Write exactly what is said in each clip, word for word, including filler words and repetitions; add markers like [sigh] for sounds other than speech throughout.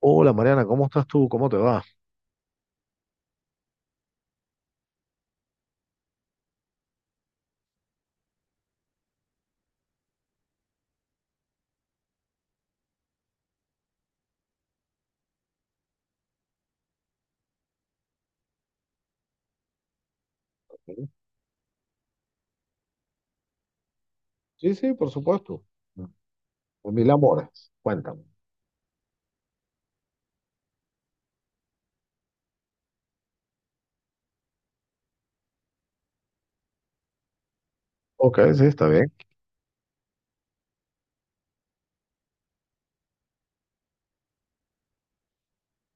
Hola Mariana, ¿cómo estás tú? ¿Cómo te va? Sí, sí, por supuesto. Por mil amores, cuéntame. Ok, sí, está bien.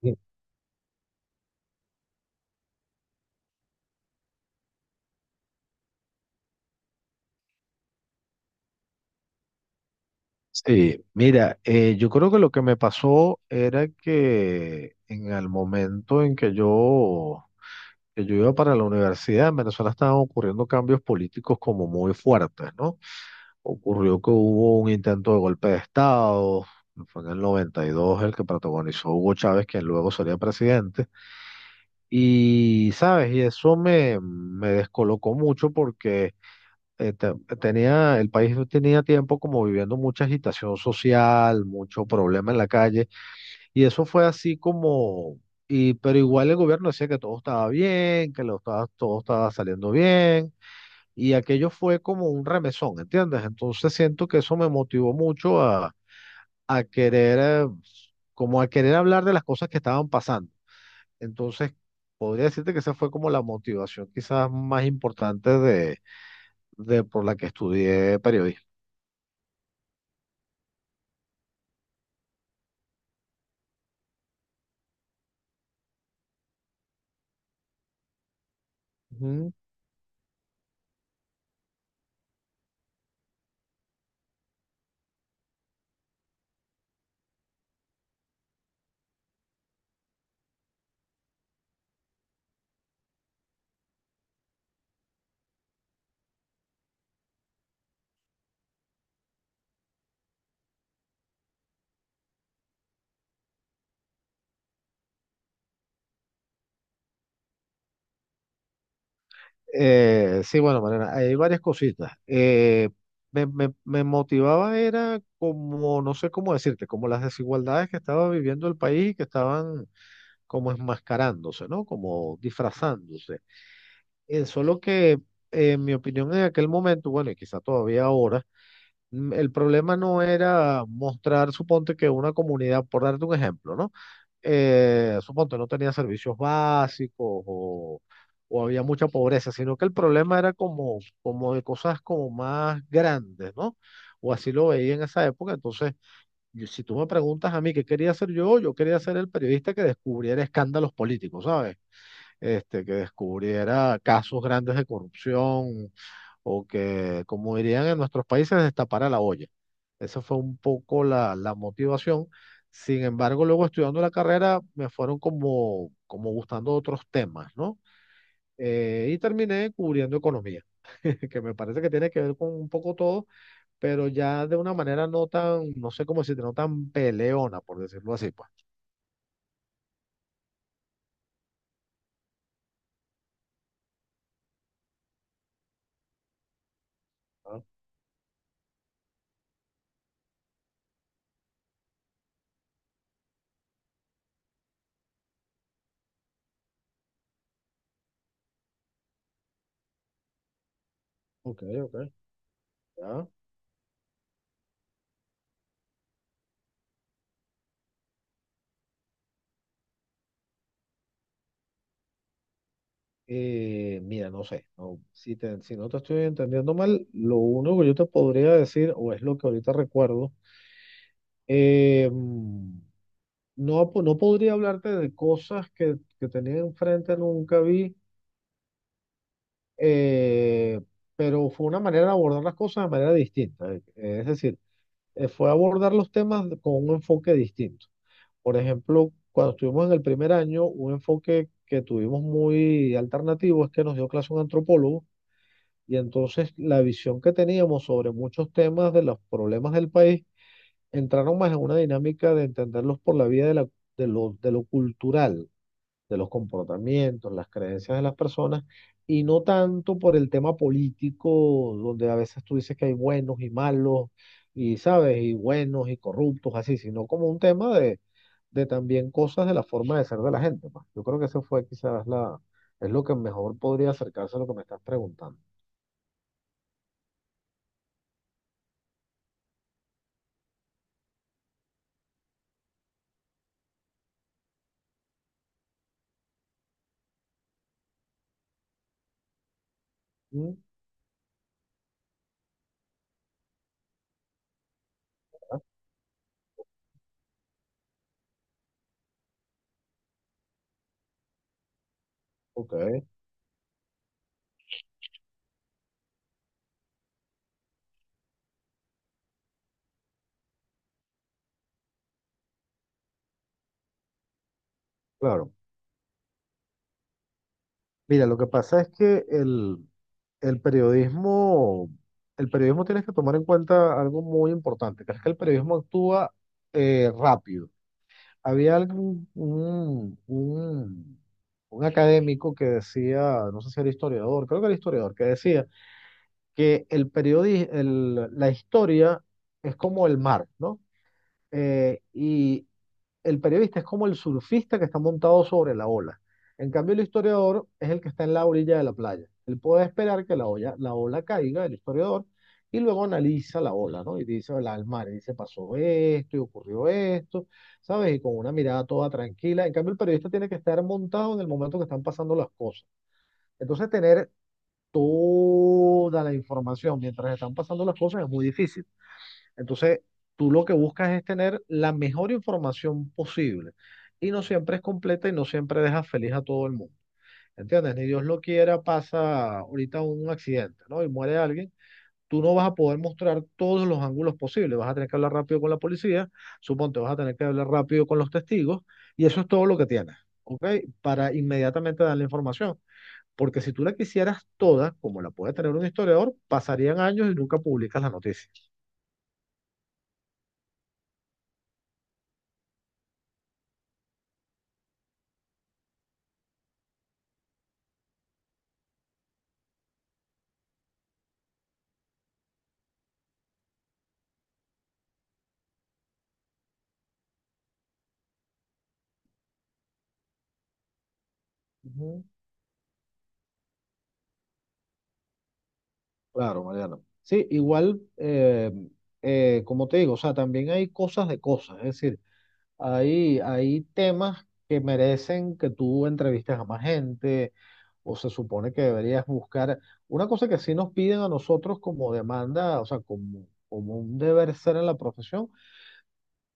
Sí. Sí, mira, eh, yo creo que lo que me pasó era que en el momento en que yo, que yo iba para la universidad, en Venezuela estaban ocurriendo cambios políticos como muy fuertes, ¿no? Ocurrió que hubo un intento de golpe de Estado, fue en el noventa y dos el que protagonizó Hugo Chávez, quien luego sería presidente. Y, ¿sabes? Y eso me, me descolocó mucho porque eh, te- tenía, el país tenía tiempo como viviendo mucha agitación social, mucho problema en la calle, y eso fue así como, y, pero igual el gobierno decía que todo estaba bien, que lo estaba- todo estaba saliendo bien, y aquello fue como un remesón, ¿entiendes? Entonces siento que eso me motivó mucho a, a querer, eh, como a querer hablar de las cosas que estaban pasando. Entonces, podría decirte que esa fue como la motivación quizás más importante de, de por la que estudié periodismo. Ujú. Eh, sí, bueno, Mariana, hay varias cositas. Eh, me, me- me motivaba era como, no sé cómo decirte, como las desigualdades que estaba viviendo el país y que estaban como enmascarándose, ¿no? Como disfrazándose. Eh, solo que, eh, en mi opinión, en aquel momento, bueno, y quizá todavía ahora, mm, el problema no era mostrar, suponte que una comunidad, por darte un ejemplo, ¿no? Eh, suponte no tenía servicios básicos o, o había mucha pobreza, sino que el problema era como, como de cosas como más grandes, ¿no? O así lo veía en esa época. Entonces, yo- si tú me preguntas a mí qué quería hacer yo, yo quería ser el periodista que descubriera escándalos políticos, ¿sabes? Este, que descubriera casos grandes de corrupción, o que, como dirían en nuestros países, destapara la olla. Esa fue un poco la, la motivación. Sin embargo, luego estudiando la carrera me fueron como, como gustando otros temas, ¿no? Eh, y terminé cubriendo economía, [laughs] que me parece que tiene que ver con un poco todo, pero ya de una manera no tan, no sé cómo decirte, no tan peleona, por decirlo así, pues. Ah, ok, ok. ¿Ya? Eh, mira, no sé, no, si, te- si no te estoy entendiendo mal, lo único que yo te podría decir, o es lo que ahorita recuerdo, eh, mm, no, po- no podría hablarte de cosas que, que tenía enfrente, nunca vi, eh, pero fue una manera de abordar las cosas de manera distinta. eh, Es decir, eh, fue abordar los temas de- con un enfoque distinto. Por ejemplo, cuando estuvimos en el primer año, un enfoque que tuvimos muy alternativo es que nos dio clase un antropólogo. Y entonces la visión que teníamos sobre muchos temas de los problemas del país entraron más en una dinámica de entenderlos por la vía de, la- de lo, de lo cultural, de los comportamientos, las creencias de las personas, y no tanto por el tema político, donde a veces tú dices que hay buenos y malos, y sabes, y buenos y corruptos, así, sino como un tema de, de también cosas de la forma de ser de la gente. Pues, yo creo que eso fue quizás la, es lo que mejor podría acercarse a lo que me estás preguntando. ¿Mm? Ok. Claro. Mira, lo que pasa es que el, el periodismo, el periodismo tienes que tomar en cuenta algo muy importante, que es que el periodismo actúa eh, rápido. Había algún, un, un, un académico que decía, no sé si era historiador, creo que era historiador, que decía que el periodi- el- la historia es como el mar, ¿no? Eh, y el periodista es como el surfista que está montado sobre la ola. En cambio, el historiador es el que está en la orilla de la playa. Él puede esperar que la olla, la ola caiga, el historiador, y luego analiza la ola, ¿no? Y dice, "Hola, el mar", y dice, pasó esto, y ocurrió esto, ¿sabes? Y con una mirada toda tranquila. En cambio, el periodista tiene que estar montado en el momento que están pasando las cosas. Entonces, tener toda la información mientras están pasando las cosas es muy difícil. Entonces, tú lo que buscas es tener la mejor información posible. Y no siempre es completa y no siempre deja feliz a todo el mundo. ¿Entiendes? Ni Dios lo quiera, pasa ahorita un accidente, ¿no? Y muere alguien. Tú no vas a poder mostrar todos los ángulos posibles. Vas a tener que hablar rápido con la policía. Suponte, vas a tener que hablar rápido con los testigos. Y eso es todo lo que tienes, ¿ok? Para inmediatamente dar la información. Porque si tú la quisieras toda, como la puede tener un historiador, pasarían años y nunca publicas la noticia. Ujú. Claro, Mariano. Sí, igual, eh, eh, como te digo, o sea, también hay cosas de cosas, es decir, hay, hay temas que merecen que tú entrevistes a más gente o se supone que deberías buscar. Una cosa que sí nos piden a nosotros como demanda, o sea, como, como un deber ser en la profesión,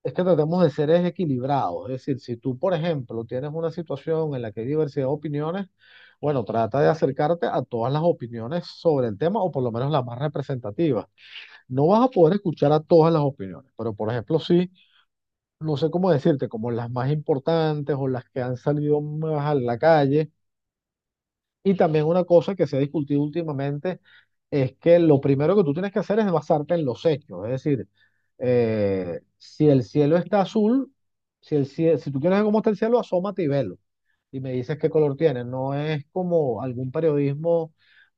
es que tratemos de ser es equilibrados. Es decir, si tú, por ejemplo, tienes una situación en la que hay diversidad de opiniones, bueno, trata de acercarte a todas las opiniones sobre el tema o por lo menos las más representativas. No vas a poder escuchar a todas las opiniones, pero por ejemplo, sí, no sé cómo decirte, como las más importantes o las que han salido más a la calle. Y también una cosa que se ha discutido últimamente es que lo primero que tú tienes que hacer es basarte en los hechos. Es decir, eh, si el cielo está azul, si, el, cie- si tú quieres ver cómo está el cielo, asómate y velo. Y me dices qué color tiene. No es como algún periodismo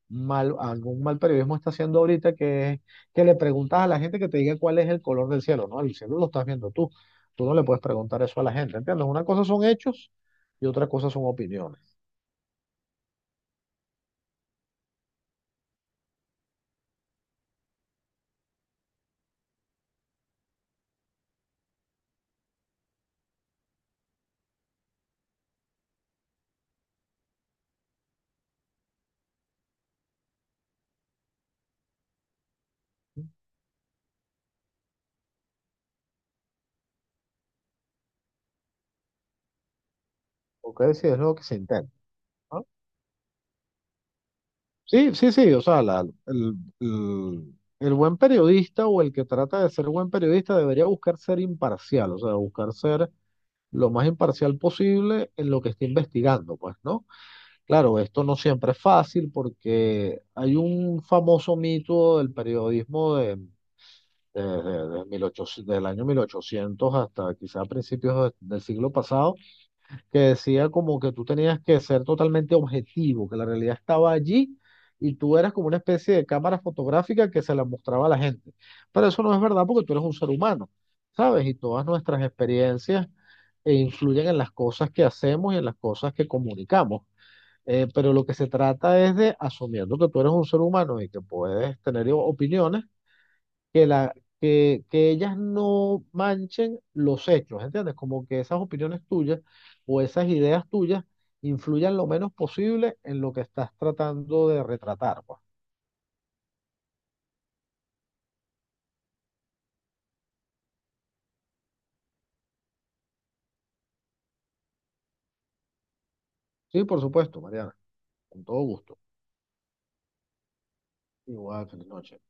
mal, algún mal periodismo está haciendo ahorita, que es que le preguntas a la gente que te diga cuál es el color del cielo, ¿no? El cielo lo estás viendo tú. Tú no le puedes preguntar eso a la gente, ¿entiendes? Una cosa son hechos y otra cosa son opiniones. ¿Ok? Si es lo que se intenta, ¿no? Sí, sí, sí, o sea, la- el, el- el buen periodista o el que trata de ser buen periodista debería buscar ser imparcial, o sea, buscar ser lo más imparcial posible en lo que está investigando, pues, ¿no? Claro, esto no siempre es fácil porque hay un famoso mito del periodismo de, de- de- de mil ochocientos del año mil ochocientos hasta quizá principios de- del siglo pasado, que decía como que tú tenías que ser totalmente objetivo, que la realidad estaba allí y tú eras como una especie de cámara fotográfica que se la mostraba a la gente. Pero eso no es verdad porque tú eres un ser humano, ¿sabes? Y todas nuestras experiencias eh, influyen en las cosas que hacemos y en las cosas que comunicamos. Eh, pero lo que se trata es de, asumiendo que tú eres un ser humano y que puedes tener o- opiniones, que, la, que, que ellas no manchen los hechos, ¿entiendes? Como que esas opiniones tuyas o esas ideas tuyas influyan lo menos posible en lo que estás tratando de retratar, pues. Sí, por supuesto, Mariana, con todo gusto. Igual, feliz noche.